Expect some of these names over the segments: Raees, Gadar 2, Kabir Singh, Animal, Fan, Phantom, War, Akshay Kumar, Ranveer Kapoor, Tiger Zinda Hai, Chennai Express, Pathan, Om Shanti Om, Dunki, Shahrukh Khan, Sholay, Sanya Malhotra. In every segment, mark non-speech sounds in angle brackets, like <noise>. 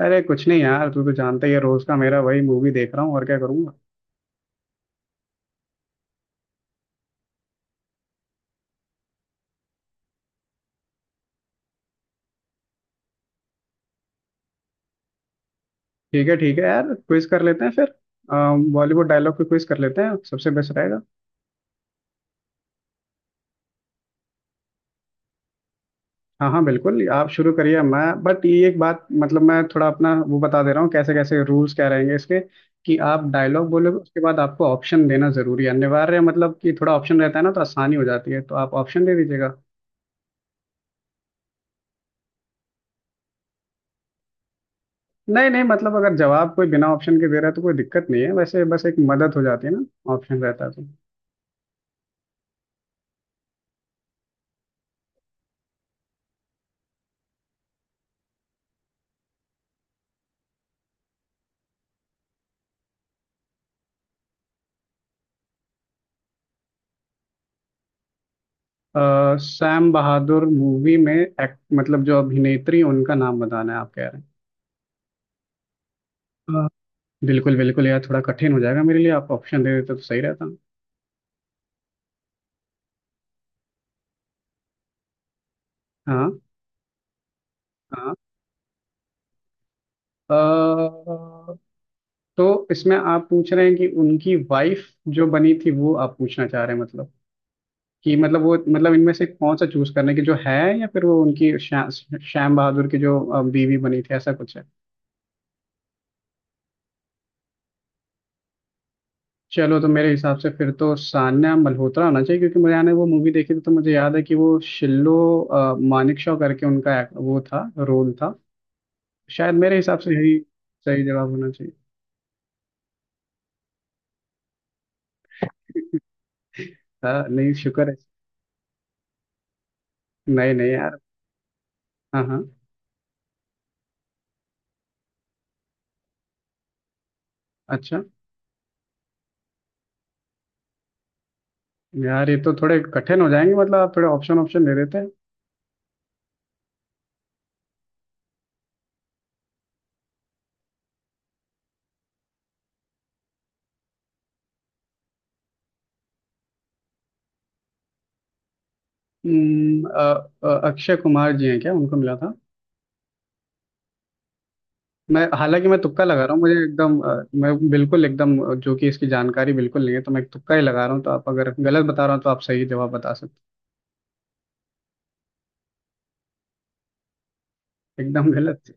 अरे कुछ नहीं यार, तू तो जानता ही है रोज का मेरा। वही मूवी देख रहा हूँ और क्या करूँगा। ठीक है यार, क्विज कर लेते हैं फिर। बॉलीवुड डायलॉग पे क्विज कर लेते हैं, सबसे बेस्ट रहेगा। हाँ हाँ बिल्कुल, आप शुरू करिए। मैं बट ये एक बात, मतलब मैं थोड़ा अपना वो बता दे रहा हूँ कैसे कैसे रूल्स क्या रहेंगे इसके। कि आप डायलॉग बोलोगे, उसके बाद आपको ऑप्शन देना जरूरी है, अनिवार्य है, मतलब कि थोड़ा ऑप्शन रहता है ना तो आसानी हो जाती है, तो आप ऑप्शन दे दीजिएगा। नहीं नहीं, मतलब अगर जवाब कोई बिना ऑप्शन के दे रहा है तो कोई दिक्कत नहीं है, वैसे बस एक मदद हो जाती है ना, ऑप्शन रहता है तो। सैम बहादुर मूवी में एक्ट, मतलब जो अभिनेत्री, उनका नाम बताना है आप कह रहे हैं। हाँ, बिल्कुल बिल्कुल यार, थोड़ा कठिन हो जाएगा मेरे लिए, आप ऑप्शन दे देते तो सही रहता। हाँ। हाँ। अ, तो इसमें आप पूछ रहे हैं कि उनकी वाइफ जो बनी थी वो आप पूछना चाह रहे हैं, मतलब कि मतलब वो, मतलब इनमें से कौन सा चूज करने की जो है। या फिर वो उनकी श्याम बहादुर की जो बीवी बनी थी, ऐसा कुछ है। चलो तो मेरे हिसाब से फिर तो सान्या मल्होत्रा होना चाहिए, क्योंकि मुझे ने वो मूवी देखी थी तो मुझे याद है कि वो शिल्लो मानेकशॉ करके उनका वो था, रोल था। शायद मेरे हिसाब से यही सही जवाब होना चाहिए। हाँ, नहीं शुक्र है। नहीं नहीं यार। हाँ। हाँ अच्छा। यार ये तो थोड़े कठिन हो जाएंगे, मतलब आप थोड़े ऑप्शन ऑप्शन दे देते हैं। अक्षय कुमार जी हैं क्या, उनको मिला था? मैं हालांकि मैं तुक्का लगा रहा हूँ, मुझे एकदम मैं बिल्कुल एकदम जो कि इसकी जानकारी बिल्कुल नहीं है तो मैं एक तुक्का ही लगा रहा हूँ। तो आप अगर गलत बता रहा हूँ तो आप सही जवाब बता सकते हैं। एकदम गलत।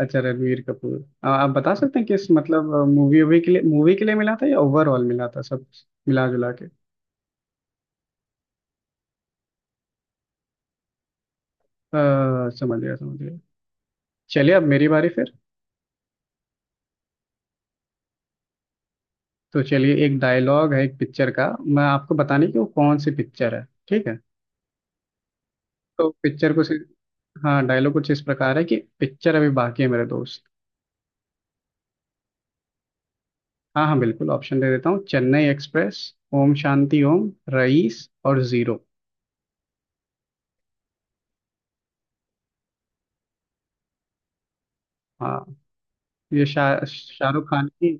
अच्छा, रणवीर कपूर। आप बता सकते हैं किस, मतलब मूवी के लिए मिला था या ओवरऑल मिला था, सब मिला जुला के। समझ गया समझ गया। चलिए अब मेरी बारी फिर। तो चलिए, एक डायलॉग है एक पिक्चर का, मैं आपको बताने की वो कौन सी पिक्चर है। ठीक है, तो पिक्चर कुछ। हाँ, डायलॉग कुछ इस प्रकार है कि पिक्चर अभी बाकी है मेरे दोस्त। हाँ हाँ बिल्कुल ऑप्शन दे देता हूँ। चेन्नई एक्सप्रेस, ओम शांति ओम, रईस और जीरो। हाँ, ये शाहरुख खान की।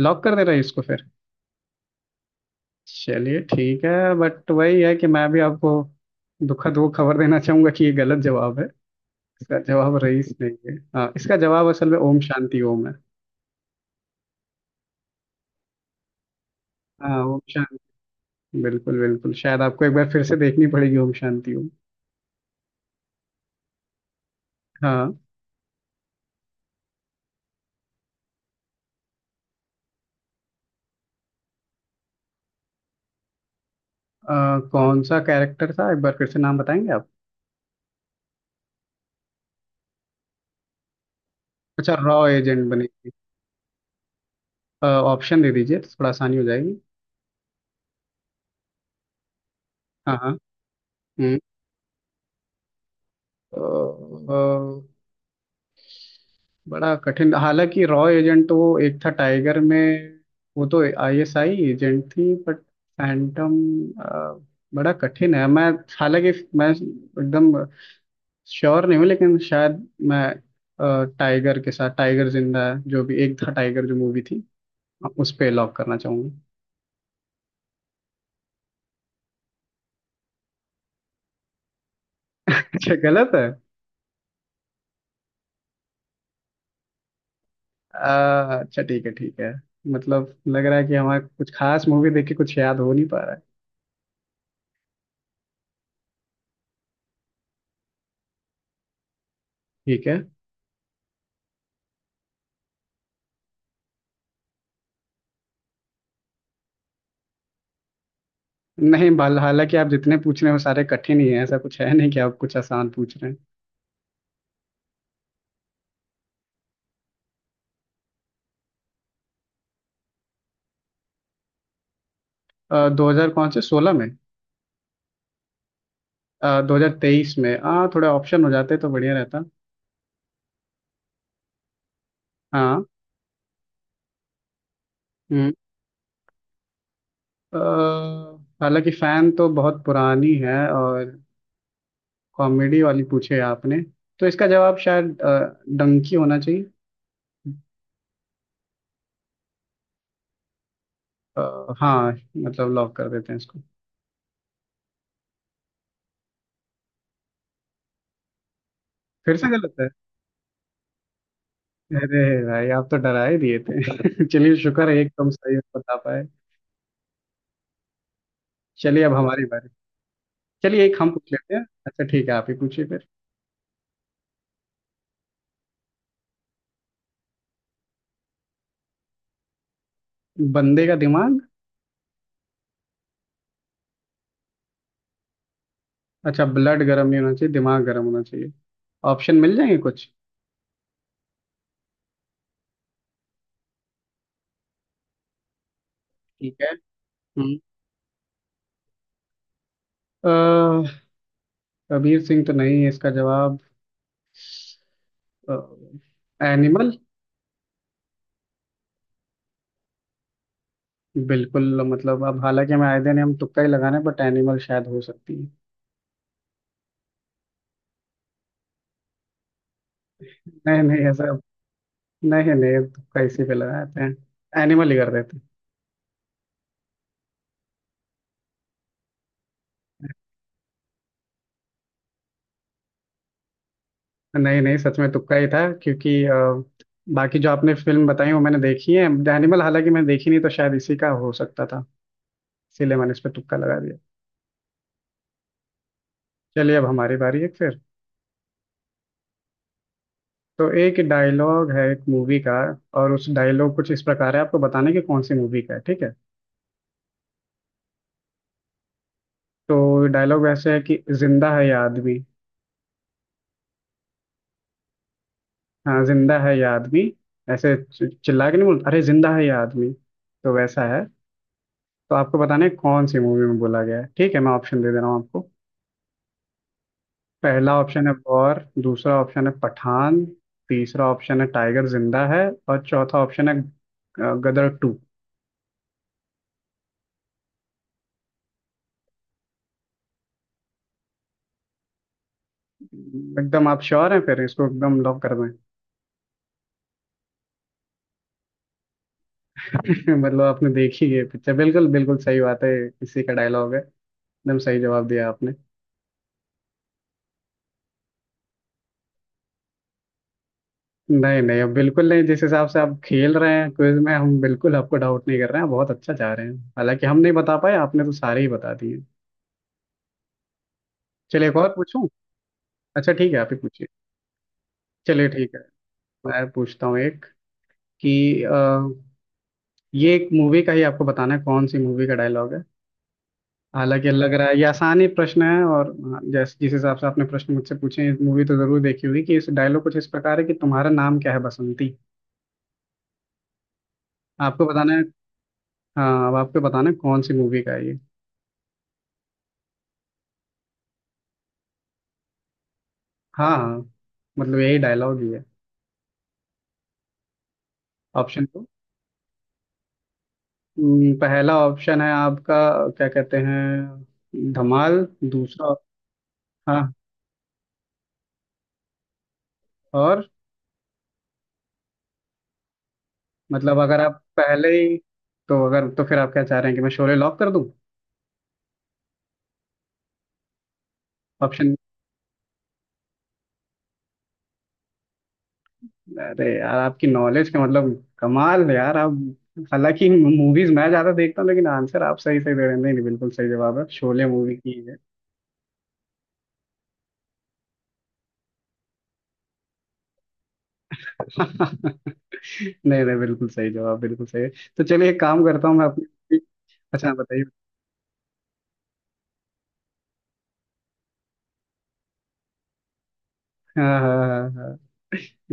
लॉक कर दे रहे हैं इसको फिर। चलिए ठीक है, बट वही है कि मैं भी आपको दुखद वो खबर देना चाहूंगा कि ये गलत जवाब है। इसका जवाब रईस नहीं है, हाँ, इसका जवाब असल में ओम शांति ओम है। हाँ ओम शांति, बिल्कुल बिल्कुल। शायद आपको एक बार फिर से देखनी पड़ेगी ओम शांति ओम। हाँ। कौन सा कैरेक्टर था, एक बार फिर से नाम बताएंगे आप? अच्छा, रॉ एजेंट बने। ऑप्शन दे दीजिए तो थोड़ा आसानी हो जाएगी। हाँ। हाँ। हम्म। अ, अ, बड़ा कठिन, हालांकि रॉ एजेंट तो वो एक था टाइगर में, वो तो आईएसआई एजेंट थी। बट फैंटम, बड़ा कठिन है। मैं हालांकि मैं एकदम श्योर नहीं हूँ, लेकिन शायद मैं टाइगर के साथ, टाइगर जिंदा है, जो भी एक था टाइगर जो मूवी थी, उस पे लॉक करना चाहूंगा। <laughs> अच्छा, गलत है। अच्छा ठीक है ठीक है, मतलब लग रहा है कि हमारे कुछ खास मूवी देख के कुछ याद हो नहीं पा रहा है। ठीक है। नहीं बाल, हालांकि आप जितने पूछ रहे हैं वो सारे कठिन ही हैं, ऐसा कुछ है नहीं कि आप कुछ आसान पूछ रहे हैं। 2000 कौन से 2016 में? 2023 में, हाँ। थोड़े ऑप्शन हो जाते तो बढ़िया रहता। हाँ। हम्म। अ, हालांकि फैन तो बहुत पुरानी है, और कॉमेडी वाली पूछे आपने, तो इसका जवाब शायद डंकी होना चाहिए। हाँ, मतलब लॉक कर देते हैं इसको। फिर से गलत है? अरे भाई, आप तो डरा ही दिए थे। <laughs> चलिए शुक्र है, एकदम सही बता पाए। चलिए अब हमारी बारी। चलिए एक हम पूछ लेते हैं। अच्छा ठीक है, आप ही पूछिए फिर। बंदे का दिमाग। अच्छा, ब्लड गर्म नहीं होना चाहिए, दिमाग गर्म होना चाहिए। ऑप्शन मिल जाएंगे कुछ? ठीक है। हम्म। अह, कबीर सिंह तो नहीं है इसका जवाब, एनिमल। बिल्कुल, मतलब अब हालांकि हम आए दिन हम तुक्का ही लगाने, बट एनिमल शायद हो सकती है। नहीं नहीं, ऐसा नहीं नहीं। तुक्का इसी पे लगाते हैं, एनिमल ही कर देते हैं। नहीं नहीं, सच में तुक्का ही था, क्योंकि बाकी जो आपने फिल्म बताई वो मैंने देखी है। द एनिमल हालांकि मैंने देखी नहीं, तो शायद इसी का हो सकता था, इसीलिए मैंने इस पे तुक्का लगा दिया। चलिए अब हमारी बारी है फिर। तो एक डायलॉग है एक मूवी का, और उस डायलॉग कुछ इस प्रकार है, आपको बताने की कौन सी मूवी का है। ठीक है, तो डायलॉग वैसे है कि जिंदा है ये आदमी। हाँ, जिंदा है ये आदमी, ऐसे चिल्ला के नहीं बोलते, अरे जिंदा है ये आदमी, तो वैसा है। तो आपको बताना है कौन सी मूवी में बोला गया है। ठीक है, मैं ऑप्शन दे दे रहा हूँ आपको। पहला ऑप्शन है वॉर, दूसरा ऑप्शन है पठान, तीसरा ऑप्शन है टाइगर जिंदा है, और चौथा ऑप्शन है गदर टू। एकदम आप श्योर हैं फिर, इसको एकदम लॉक कर दें? <laughs> मतलब आपने देखी है पिक्चर। बिल्कुल बिल्कुल सही बात है, इसी का डायलॉग है। एकदम सही जवाब दिया आपने। नहीं नहीं, अब बिल्कुल नहीं। जिस हिसाब से आप खेल रहे हैं क्विज में, हम बिल्कुल आपको डाउट नहीं कर रहे हैं, बहुत अच्छा जा रहे हैं। हालांकि हम नहीं बता पाए, आपने तो सारे ही बता दिए। चलिए एक और पूछूं। अच्छा ठीक है, आप ही पूछिए। चलिए ठीक है, मैं पूछता हूँ एक, कि ये एक मूवी का ही आपको बताना है कौन सी मूवी का डायलॉग है। हालांकि लग रहा है ये आसान ही प्रश्न है, और हाँ, जैसे जिस हिसाब से आपने प्रश्न मुझसे पूछे, इस मूवी तो जरूर देखी होगी। कि इस डायलॉग कुछ इस प्रकार है कि तुम्हारा नाम क्या है बसंती। आपको बताना है। हाँ, अब आपको बताना है कौन सी मूवी का है ये। हाँ। हाँ, मतलब यही डायलॉग ही है। ऑप्शन तो, पहला ऑप्शन है आपका क्या कहते हैं धमाल, दूसरा। हाँ। और, मतलब अगर आप पहले ही। तो अगर तो फिर आप क्या चाह रहे हैं कि मैं शोले लॉक कर दूं? ऑप्शन। अरे यार, आपकी नॉलेज का मतलब कमाल है यार आप। हालांकि मूवीज मैं ज्यादा देखता हूँ, लेकिन आंसर आप सही सही दे रहे हैं। नहीं नहीं, बिल्कुल सही जवाब है, शोले मूवी की है। <laughs> नहीं नहीं, बिल्कुल सही जवाब, बिल्कुल सही है। तो चलिए एक काम करता हूँ मैं अपनी। अच्छा बताइए। हाँ हाँ हाँ हाँ,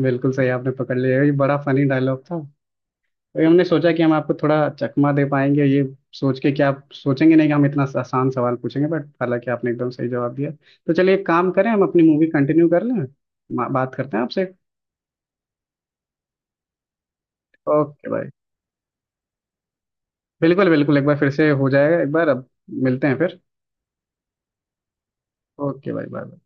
बिल्कुल सही आपने पकड़ लिया। ये बड़ा फनी डायलॉग था, तो ये हमने सोचा कि हम आपको थोड़ा चकमा दे पाएंगे, ये सोच के कि आप सोचेंगे नहीं कि हम इतना आसान सवाल पूछेंगे, बट हालांकि आपने एकदम सही जवाब दिया। तो चलिए एक काम करें, हम अपनी मूवी कंटिन्यू कर लें, बात करते हैं आपसे। ओके भाई, बिल्कुल बिल्कुल, एक बार फिर से हो जाएगा, एक बार अब मिलते हैं फिर। ओके भाई, बाय।